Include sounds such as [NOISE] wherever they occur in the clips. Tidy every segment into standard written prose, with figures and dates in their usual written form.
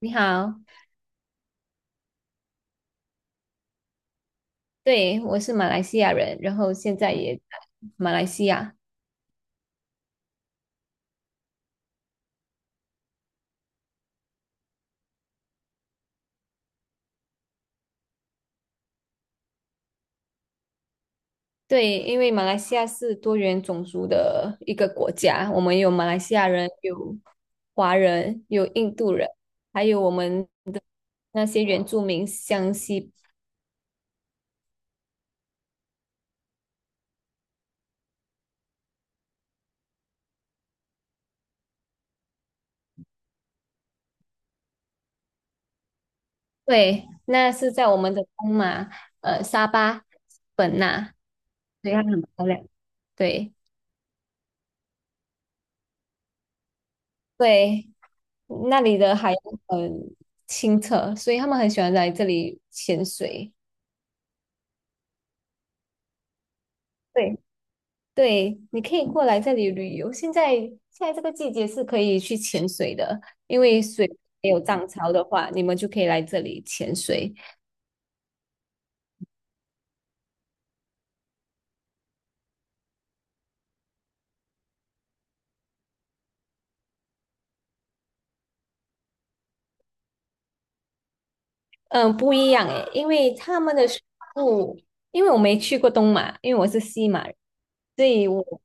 你好，对，我是马来西亚人，然后现在也在马来西亚。对，因为马来西亚是多元种族的一个国家，我们有马来西亚人，有华人，有印度人，还有我们那些原住民湘西。对，那是在我们的东马，沙巴、本那，对，它很漂亮。对对，那里的海洋很清澈，所以他们很喜欢来这里潜水。对。对，你可以过来这里旅游。现在这个季节是可以去潜水的，因为水没有涨潮的话，你们就可以来这里潜水。嗯，不一样诶，因为他们的食物，因为我没去过东马，因为我是西马人，所以我不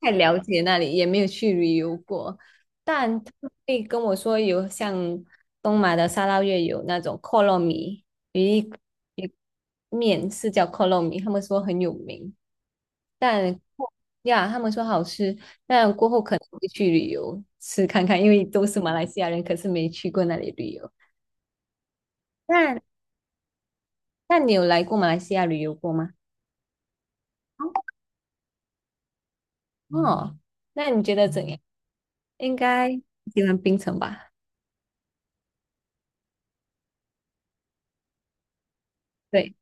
太了解那里，也没有去旅游过。但他们会跟我说有像东马的沙捞越有那种扣肉米一鱼面，是叫扣肉米，他们说很有名。但呀，他们说好吃，但过后可能会去旅游吃看看，因为都是马来西亚人，可是没去过那里旅游。那那你有来过马来西亚旅游过吗？哦，那你觉得怎样？应该喜欢槟城吧？对，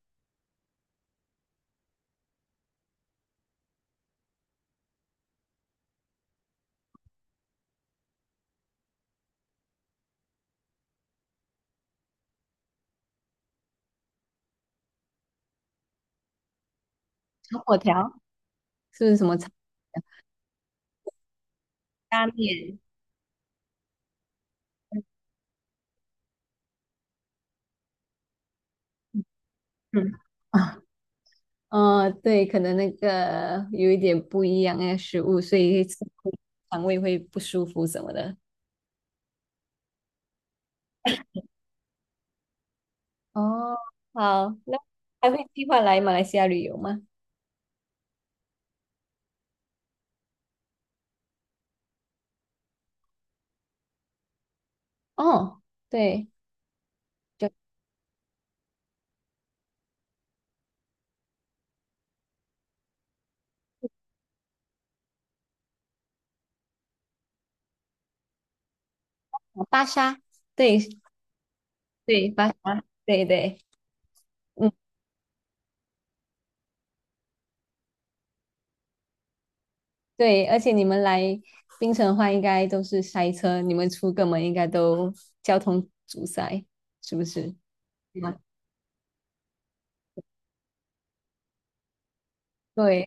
炒粿条是不是什么炒 [LAUGHS] 拉面？嗯啊，对，可能那个有一点不一样的食物，所以会吃肠胃会不舒服什么的。哦好，那还会计划来马来西亚旅游吗？哦，对，就巴沙，对对，巴沙，对对，嗯，对，而且你们来槟城的话，应该都是塞车，你们出个门应该都交通阻塞，是不是？对吗？对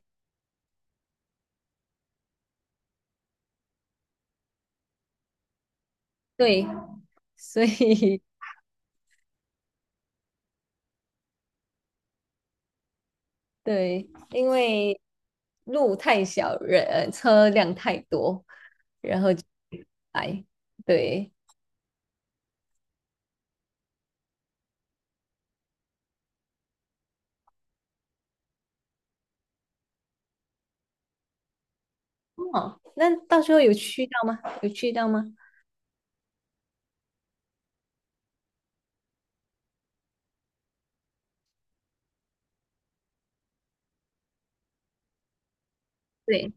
对，所以 [LAUGHS] 对，因为路太小，人车辆太多，然后就来，对。哦，那到时候有去到吗？有去到吗？对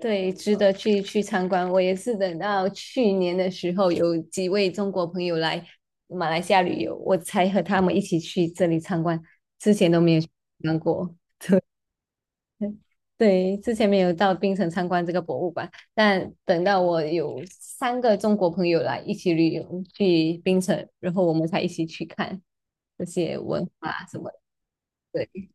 对，值得去参观。我也是等到去年的时候，有几位中国朋友来马来西亚旅游，我才和他们一起去这里参观，之前都没有去参观过。[LAUGHS] 对对，之前没有到槟城参观这个博物馆，但等到我有三个中国朋友来一起旅游去槟城，然后我们才一起去看这些文化什么的。对。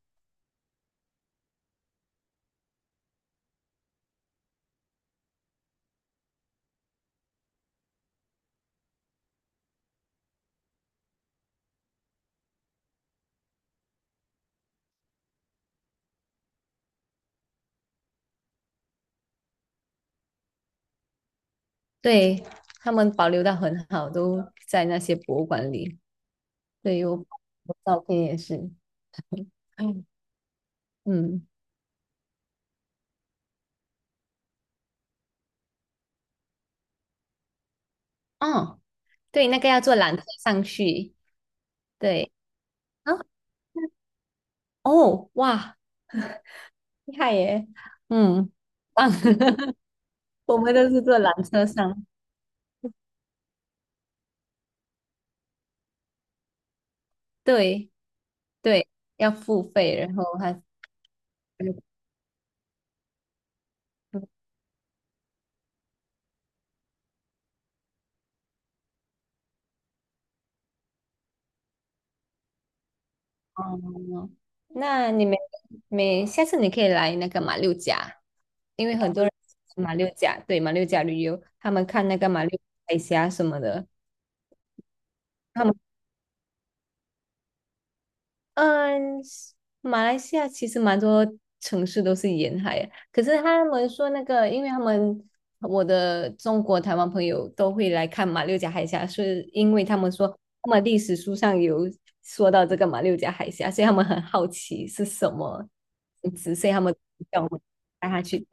对，他们保留的很好，都在那些博物馆里。对，有我照片也是。嗯嗯，哦，对，那个要坐缆车上去。对啊，哦，哇，厉害耶！嗯，棒 [LAUGHS] 我们都是坐缆车上。对对，要付费，然后还哦，那你们每下次你可以来那个马六甲。因为很多人马六甲，对，马六甲旅游，他们看那个马六海峡什么的，他们嗯，马来西亚其实蛮多城市都是沿海啊，可是他们说那个，因为他们我的中国台湾朋友都会来看马六甲海峡，是因为他们说他们历史书上有说到这个马六甲海峡，所以他们很好奇是什么名字，所以他们叫我带他去。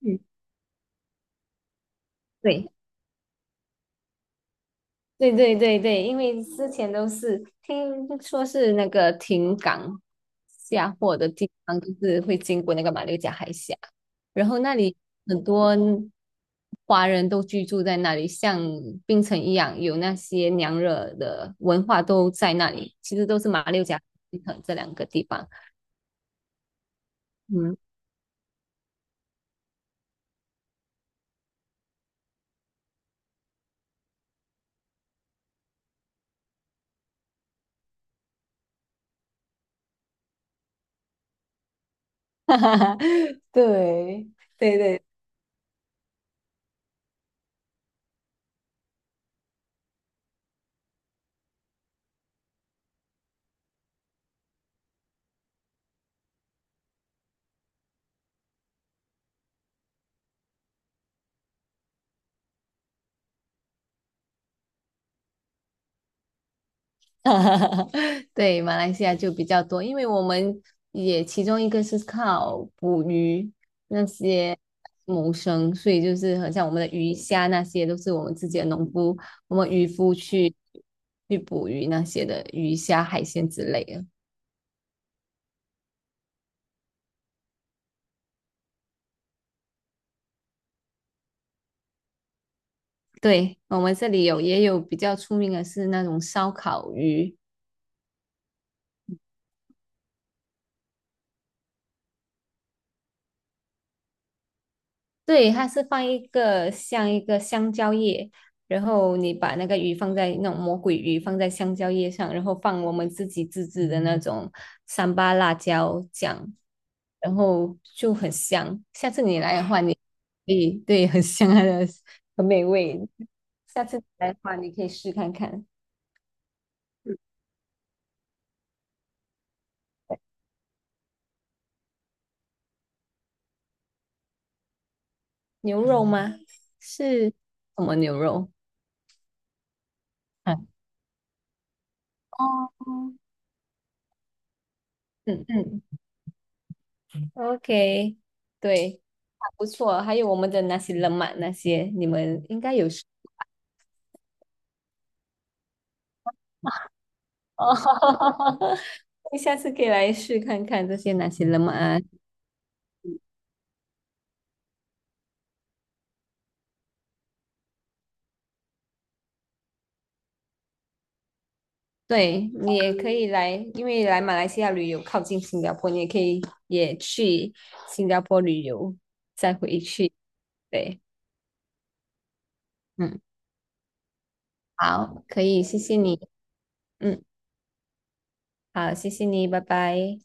嗯，对。对对对对，因为之前都是听说是那个停港下货的地方，就是会经过那个马六甲海峡，然后那里很多华人都居住在那里，像槟城一样，有那些娘惹的文化都在那里，其实都是马六甲、槟城这两个地方。嗯，[LAUGHS] 对对对 [LAUGHS] 哈哈哈，对，马来西亚就比较多，因为我们也其中一个是靠捕鱼那些谋生，所以就是很像我们的鱼虾那些都是我们自己的农夫，我们渔夫去捕鱼那些的鱼虾海鲜之类的。对，我们这里有也有比较出名的是那种烧烤鱼，对，它是放一个像一个香蕉叶，然后你把那个鱼放在那种魔鬼鱼放在香蕉叶上，然后放我们自己自制的那种三八辣椒酱，然后就很香。下次你来的话你，你对很香它的，很美味。下次来的话，你可以试看看牛肉吗？是什么牛肉？嗯，嗯哦，嗯嗯。OK，对，还不错。还有我们的那些冷玛那些，你们应该有试哦。[LAUGHS] 你下次可以来试看看这些哪些冷玛啊。对，你也可以来，因为来马来西亚旅游靠近新加坡，你也可以也去新加坡旅游，再回去。对，嗯，好，可以，谢谢你。嗯，好，谢谢你，拜拜。